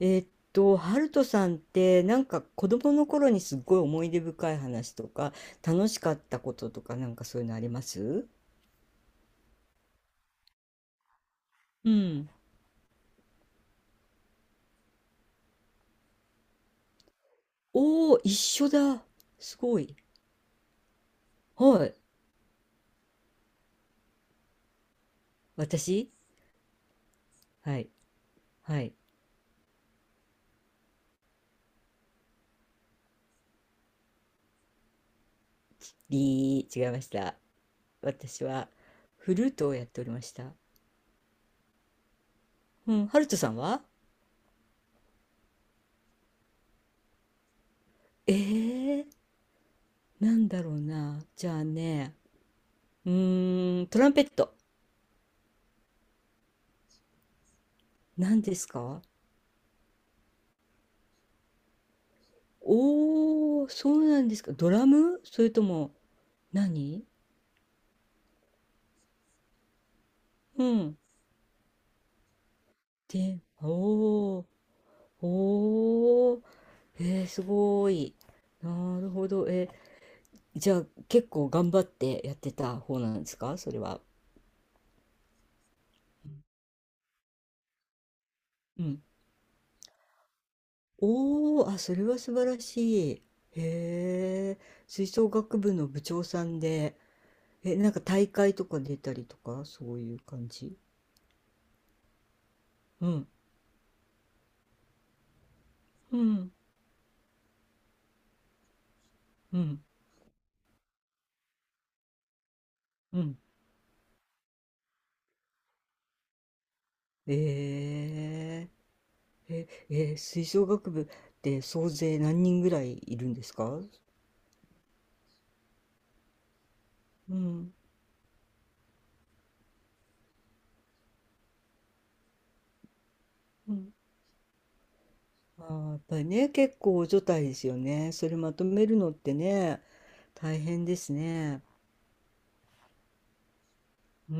えっハルトさんってなんか子供の頃にすっごい思い出深い話とか楽しかったこととかなんかそういうのあります？うん。おお一緒だ。すごい。はい。私はい。はい。りー、違いました。私はフルートをやっておりました。うん。ハルトさんはえー、なんだろうな。じゃあね、うーん、トランペット。何ですか？おお、そうなんですか。ドラム？それとも何？うん。で、おお、おお、えー、すごい。なるほど。えー、じゃあ結構頑張ってやってた方なんですか？それは。うん。おお、あ、それは素晴らしい。へえ、吹奏楽部の部長さんで、え、なんか大会とか出たりとか、そういう感じ？うん、うん、うん、うん。えええ、えー、吹奏楽部って総勢何人ぐらいいるんですか？うん、うん、あー、やっぱりね、結構除帯ですよね。それまとめるのってね、大変ですね。うー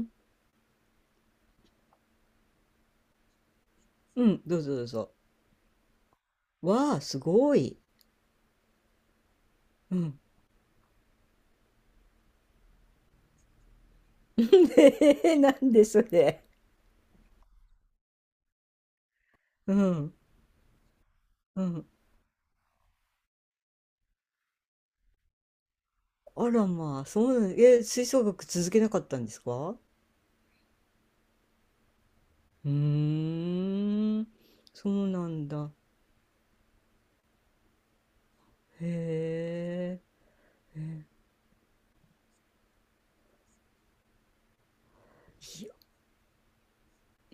ん。うん、どうぞどうぞ。わあ、すごい。うん。えーなんでそれ。うん、うん。あらまあ、そうなん、え、吹奏楽続けなかったんですか？うーん、そうなんだ。へえ。へえ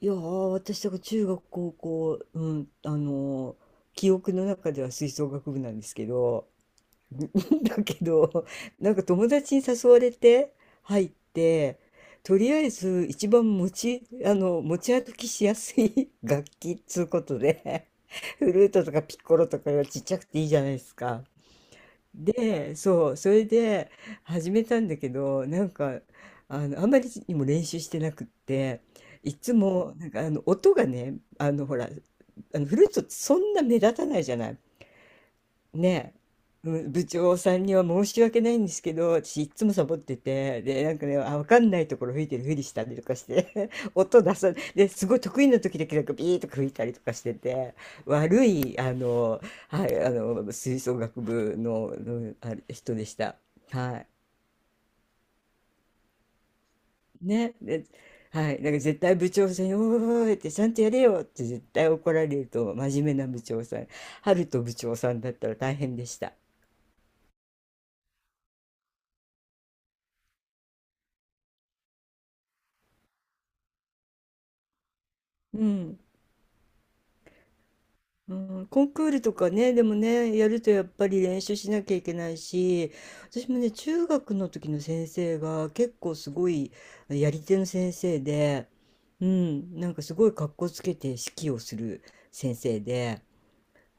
いやー、私、だから中学、高校、うん、記憶の中では吹奏楽部なんですけど、だけど、なんか友達に誘われて入って、とりあえず一番持ち、持ち歩きしやすい 楽器っつうことで、フルートとかピッコロとかがちっちゃくていいじゃないですか。で、そう、それで始めたんだけど、なんか、あんまりにも練習してなくって、いつも、なんか、音がね、あの、ほら、フルートってそんな目立たないじゃない。ねえ、うん部長さんには申し訳ないんですけど、私いっつもサボってて、で、なんかね、あ、わかんないところ吹いてるふりしたりとかして、音出さ、で、すごい得意な時だけなんかビーとか吹いたりとかしてて、悪い、はい、あの、吹奏楽部の、のあれ人でした。はい。ね、で、はい、なんか絶対部長さんに「おーい」って「ちゃんとやれよ」って絶対怒られると真面目な部長さん春と部長さんだったら大変でした。うんうん、コンクールとかね、でもね、やるとやっぱり練習しなきゃいけないし、私もね、中学の時の先生が結構すごいやり手の先生で、うん、なんかすごい格好つけて指揮をする先生で、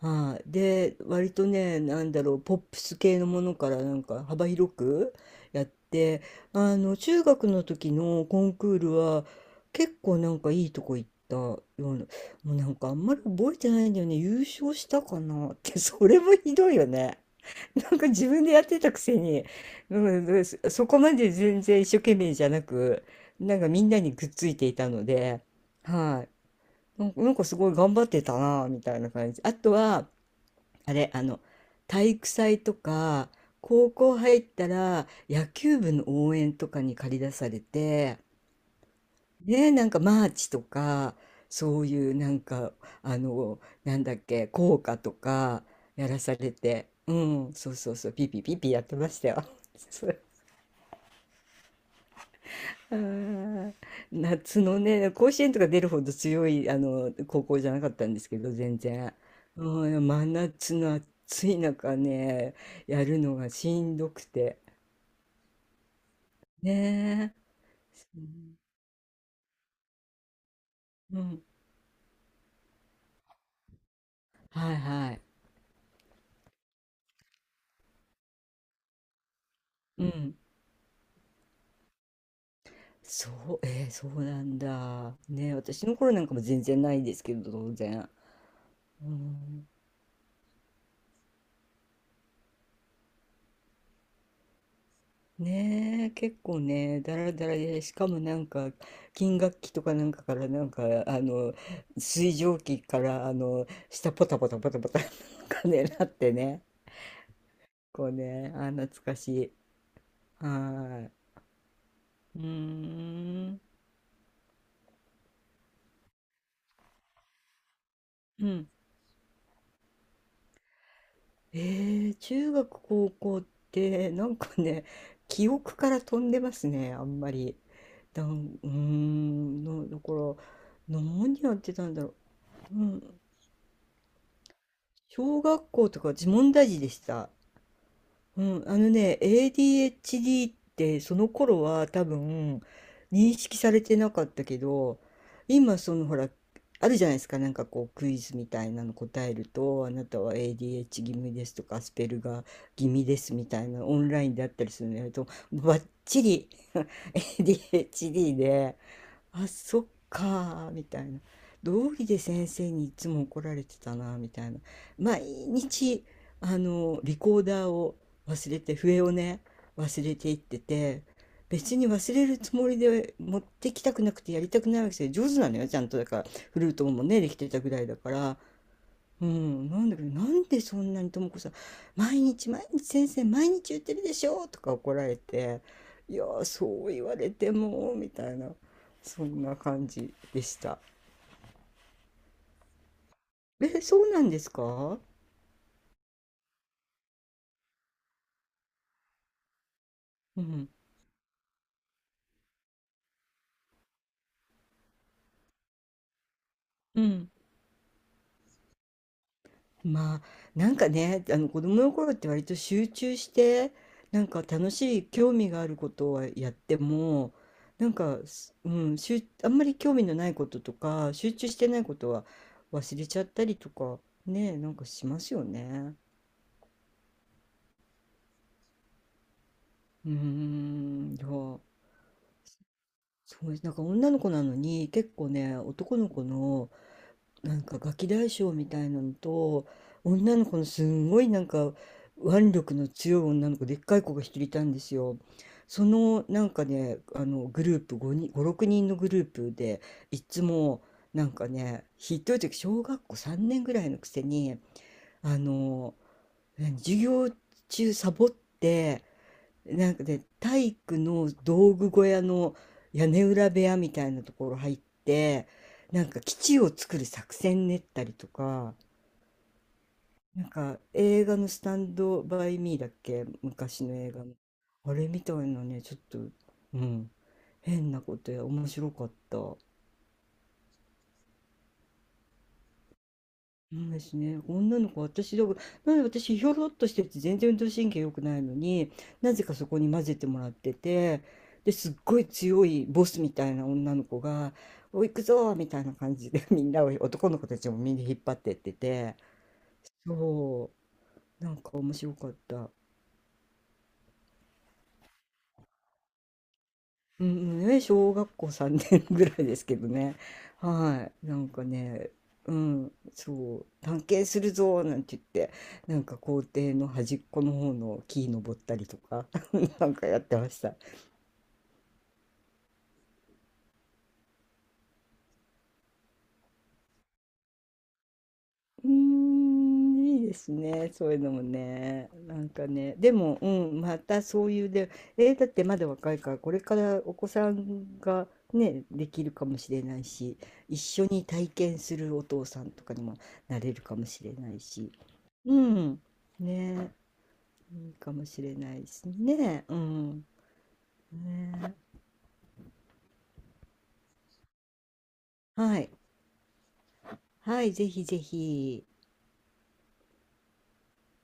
はい、で割とねなんだろうポップス系のものからなんか幅広くやってあの中学の時のコンクールは結構なんかいいとこ行ったようなもうなんかあんまり覚えてないんだよね優勝したかなって それもひどいよね。 なんか自分でやってたくせに、うん、そそこまで全然一生懸命じゃなくなんかみんなにくっついていたのではいなんかなんかすごい頑張ってたなみたいな感じあとはあれ、体育祭とか、高校入ったら野球部の応援とかに駆り出されて、ね、なんかマーチとか、そういうなんか、なんだっけ、校歌とかやらされて、うん、そうそうそう、ピーピーピーピーやってましたよ。あー 夏のね、甲子園とか出るほど強いあの高校じゃなかったんですけど、全然。うん、真夏の暑い中ね、やるのがしんどくて。ねえ。うん。うんはいはい。うん。そう、えーそうなんだ。ねえ私の頃なんかも全然ないですけど、当然。うんねえ、結構ね、だらだらで、しかもなんか、金楽器とかなんかから、なんか、水蒸気から、下ポタポタポタポタ、なんかね、なってね、こうね、あ、懐かしい。はーい。うーん。うん。えー、中学、高校って、なんかね、記憶から飛んでますね、あんまり。だん、うーん、の、だから、何やってたんだろう。うん、小学校とか自問大事でした。うん、あのね、ADHD ってその頃は多分認識されてなかったけど、今そのほら、あるじゃないですか、なんかこうクイズみたいなの答えると、あなたは ADH 気味ですとか、アスペルガー気味ですみたいなオンラインであったりするのやると、バッチリ ADHD で、あそっかーみたいな道義で先生にいつも怒られてたなみたいな毎日あのリコーダーを忘れて笛をね忘れていってて別に忘れるつもりで持ってきたくなくてやりたくないわけですよ上手なのよちゃんとだからフルートもねできてたぐらいだからうん、なんだけど、なんでそんなにともこさん、毎日毎日先生、毎日言ってるでしょとか怒られて、いやー、そう言われても、みたいな、そんな感じでした。え、そうなんですか？うん。うんまあなんかねあの子供の頃って割と集中してなんか楽しい興味があることをやってもなんか、すうん、しゅあんまり興味のないこととか集中してないことは忘れちゃったりとかねなんかしますよね。うーんいやそうですなんか女の子なのに結構ね男の子のなんかガキ大将みたいなのと女の子のすんごいなんか腕力の強い女の子でっかい子が一人いたんですよ。そのなんかねあのグループ5人、5、6人のグループでいつもなんかねひどい時小学校3年ぐらいのくせにあの何授業中サボってなんかで体育の道具小屋の屋根裏部屋みたいなところ入って、なんか基地を作る作戦練ったりとか、なんか映画のスタンドバイミーだっけ、昔の映画の。あれみたいなね、ちょっと、うん、変なことや、面白かった。うんですね。女の子、私だから、なんで私、ひょろっとしてて、全然運動神経良くないのに、なぜかそこに混ぜてもらってて、ですっごい強いボスみたいな女の子が、おい、行くぞーみたいな感じで、みんなを、男の子たちもみんな引っ張ってってて、そう、なんか面白かった。うんうんね、小学校3年ぐらいですけどね。はい。なんかね、うん、そう、探検するぞなんて言って、なんか校庭の端っこの方の木登ったりとか、なんかやってました。うーん、いいですね、そういうのもね。なんかね、でも、うん、またそういうで、えーだってまだ若いから、これからお子さんがね、できるかもしれないし、一緒に体験するお父さんとかにもなれるかもしれないし、うん、ね、いいかもしれないですね、うん、ね、はい、はい、ぜひぜひ。